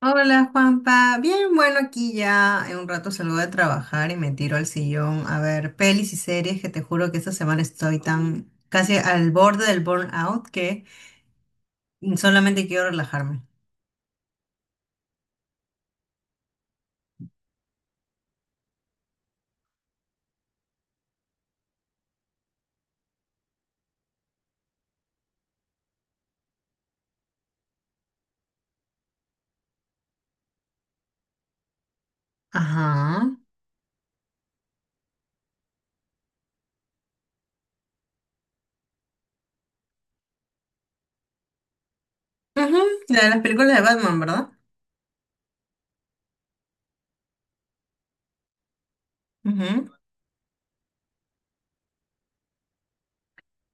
Hola Juanpa, bien, bueno, aquí ya en un rato salgo de trabajar y me tiro al sillón a ver pelis y series, que te juro que esta semana estoy tan, casi al borde del burnout, que solamente quiero relajarme. Ajá. Ujú. La de las películas de Batman, ¿verdad? Ujú.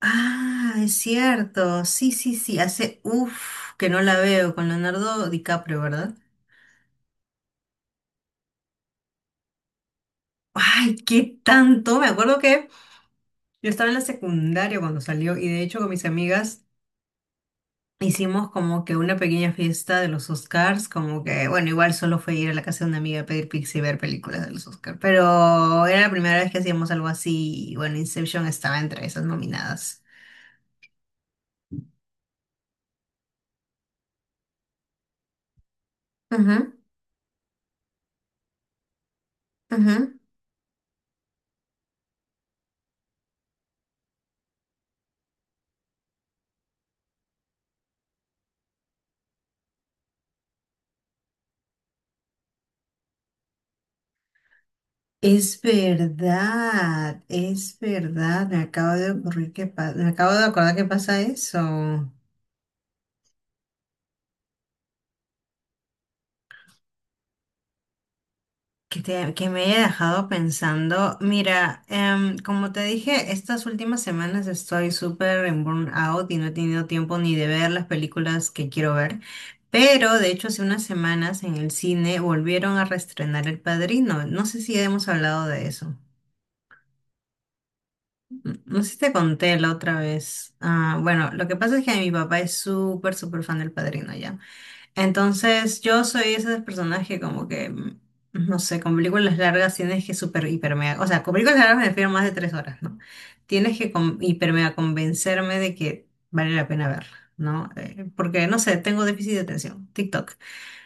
Ah, es cierto, sí, sí, sí, hace uff que no la veo, con Leonardo DiCaprio, ¿verdad? Ay, qué tanto, me acuerdo que yo estaba en la secundaria cuando salió, y de hecho con mis amigas hicimos como que una pequeña fiesta de los Oscars, como que, bueno, igual solo fue ir a la casa de una amiga a pedir pizza y ver películas de los Oscars, pero era la primera vez que hacíamos algo así, y bueno, Inception estaba entre esas nominadas. Ujú, ujú. Es verdad, me acabo de ocurrir que me acabo de acordar que pasa eso. Que que me haya dejado pensando. Mira, como te dije, estas últimas semanas estoy súper en burnout y no he tenido tiempo ni de ver las películas que quiero ver. Pero de hecho, hace unas semanas en el cine volvieron a reestrenar El Padrino. No sé si hemos hablado de eso. No sé si te conté la otra vez. Ah, bueno, lo que pasa es que mi papá es súper, súper fan del Padrino, ¿ya? Entonces, yo soy ese personaje como que, no sé, con películas largas tienes que super hiper mega, o sea, con películas largas me refiero a más de 3 horas, ¿no? Tienes que hiper mega convencerme de que vale la pena verla, ¿no? Porque, no sé, tengo déficit de atención, TikTok.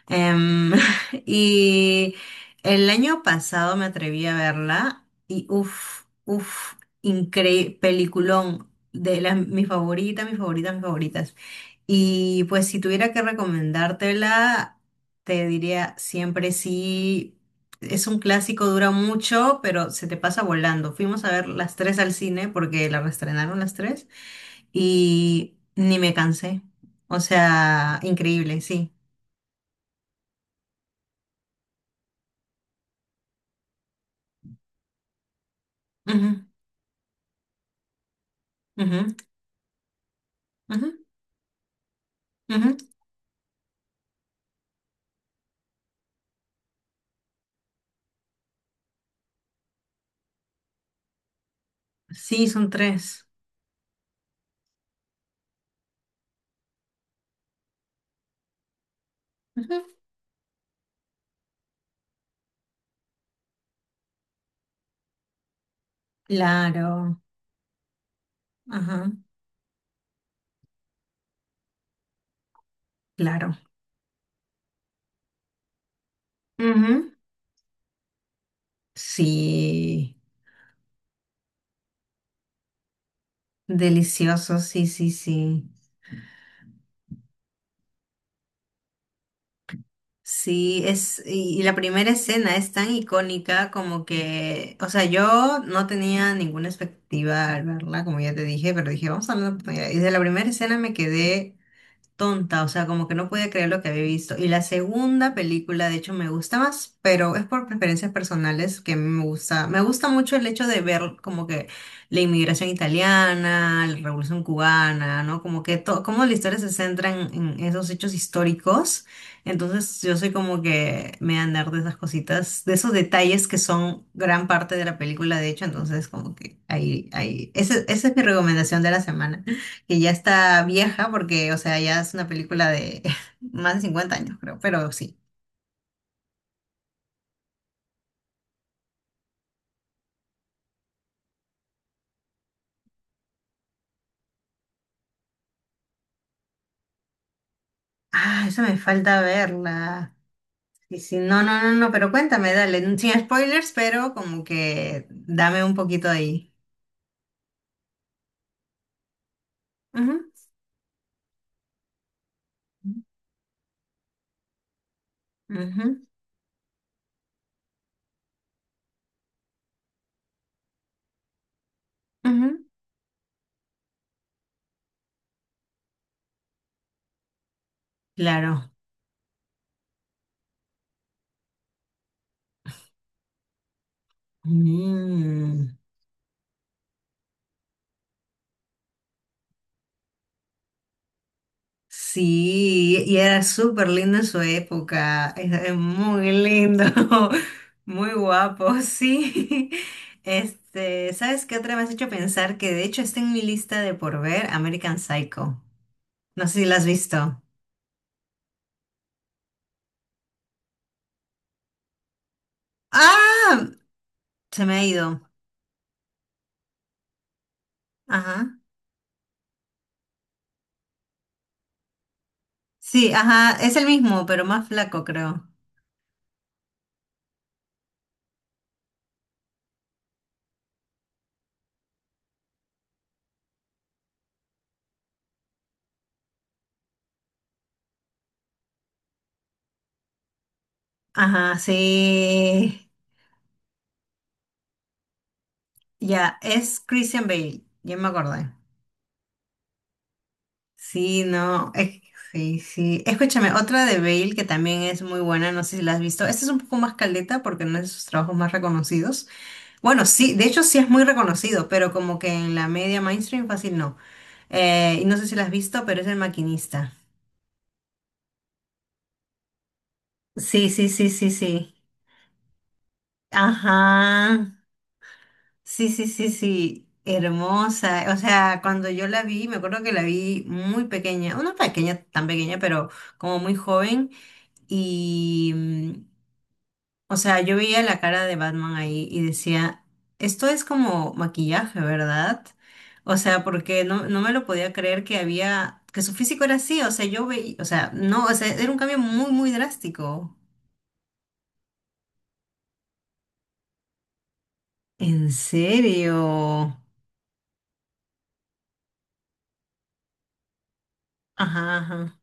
Em, y el año pasado me atreví a verla y uff, uff, increíble, peliculón, de las, mis favoritas, mis favoritas, mis favoritas. Y pues si tuviera que recomendártela, te diría siempre sí, es un clásico, dura mucho, pero se te pasa volando. Fuimos a ver las tres al cine porque la reestrenaron las tres y ni me cansé. O sea, increíble, sí. Ujú. Ujú, ujú, ujú. Sí, son tres. Ujú. Claro, ajá, claro. Ujú. Sí, delicioso, sí, sí, sí. Sí, es, y la primera escena es tan icónica, como que, o sea, yo no tenía ninguna expectativa al verla, como ya te dije, pero dije, vamos a darle una oportunidad. Y de la primera escena me quedé tonta, o sea, como que no podía creer lo que había visto. Y la segunda película, de hecho, me gusta más, pero es por preferencias personales que me gusta. Me gusta mucho el hecho de ver como que la inmigración italiana, la revolución cubana, ¿no? Como que todo, como la historia se centra en esos hechos históricos. Entonces, yo soy como que me voy a andar de esas cositas, de esos detalles que son gran parte de la película, de hecho, entonces como que ahí, ahí, esa es mi recomendación de la semana, que ya está vieja porque, o sea, ya es una película de más de 50 años, creo, pero sí. Ah, esa me falta verla. Sí, sí, no, no, no, no, pero cuéntame, dale, sin spoilers, pero como que dame un poquito ahí. Ujú, ujú, ujú. Claro. Mm. Sí, y era súper lindo en su época, es muy lindo, muy guapo, sí. Este, ¿sabes qué otra me has hecho pensar? Que de hecho está en mi lista de por ver, American Psycho. No sé si la has visto. ¡Ah! Se me ha ido. Ajá. Sí, ajá, es el mismo, pero más flaco, creo. Ajá, sí. Ya, es Christian Bale, ya me acordé. Sí, no, sí, sí. Escúchame, otra de Bale que también es muy buena, no sé si la has visto. Esta es un poco más caldeta porque no es de sus trabajos más reconocidos. Bueno, sí, de hecho sí es muy reconocido, pero como que en la media mainstream fácil no. Y no sé si la has visto, pero es El Maquinista. Sí, sí, sí, sí, sí. Ajá. Sí, sí, sí, sí. Hermosa. O sea, cuando yo la vi, me acuerdo que la vi muy pequeña, o no pequeña, tan pequeña, pero como muy joven. Y, mm, o sea, yo veía la cara de Batman ahí y decía, esto es como maquillaje, ¿verdad? O sea, porque no, no me lo podía creer, que había, que su físico era así, o sea, yo veía, o sea, no, o sea, era un cambio muy, muy drástico. ¿En serio? Ajá, ajá.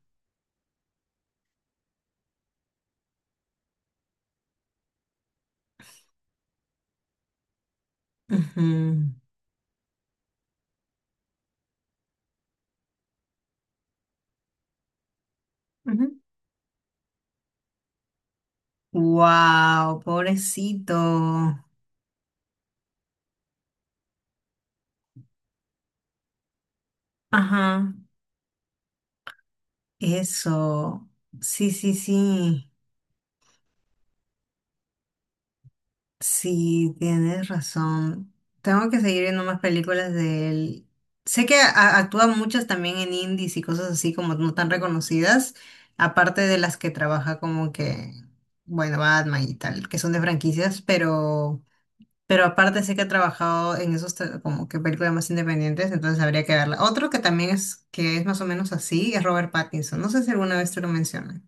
Ujú, ujú. Wow, pobrecito. Ajá, eso. Sí, sí, sí. Sí, tienes razón. Tengo que seguir viendo más películas de él. Sé que actúa muchas también en indies y cosas así, como no tan reconocidas, aparte de las que trabaja como que, bueno, Batman y tal, que son de franquicias, pero aparte sé que ha trabajado en esos como que películas más independientes, entonces habría que verla. Otro que también es, que es más o menos así, es Robert Pattinson. No sé si alguna vez te lo mencioné.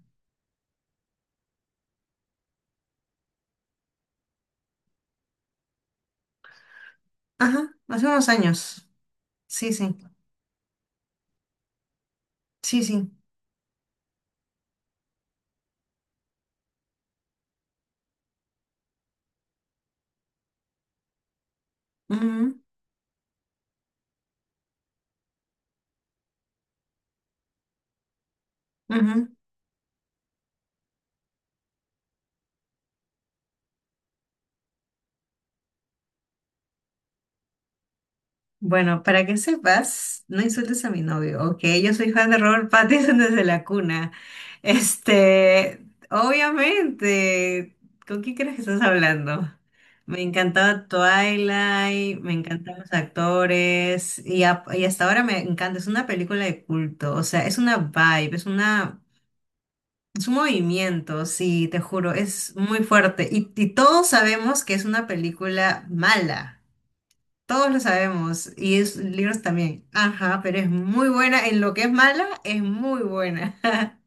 Ajá, hace unos años. Sí, sí. Sí, sí. Ujú, ujú. Bueno, para que sepas, no insultes a mi novio, ¿ok? Yo soy fan de Robert Pattinson desde la cuna. Este, obviamente, ¿con quién crees que estás hablando? Me encantaba Twilight, me encantan los actores, y, y hasta ahora me encanta. Es una película de culto, o sea, es una vibe, es una, es un movimiento, sí, te juro, es muy fuerte. Y todos sabemos que es una película mala. Todos lo sabemos, y es libros también. Ajá, pero es muy buena. En lo que es mala, es muy buena.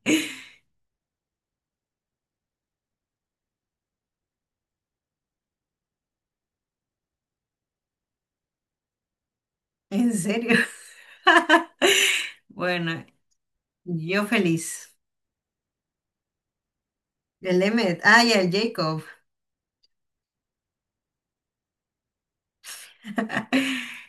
¿En serio? Bueno, yo feliz. El Emmet, ah, y el Jacob.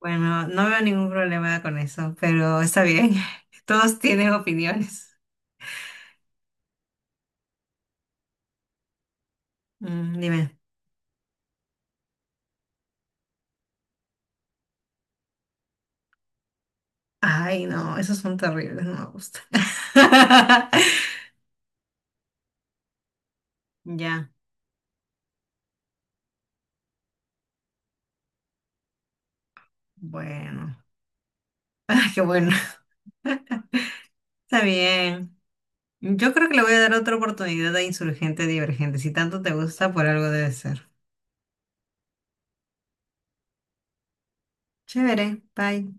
Bueno, no veo ningún problema con eso, pero está bien. Todos tienen opiniones. Mm, dime. Ay, no, esos son terribles, no me gustan. Ya, bueno. Ay, qué bueno. Está bien. Yo creo que le voy a dar otra oportunidad a Insurgente Divergente. Si tanto te gusta, por algo debe ser. Chévere, bye.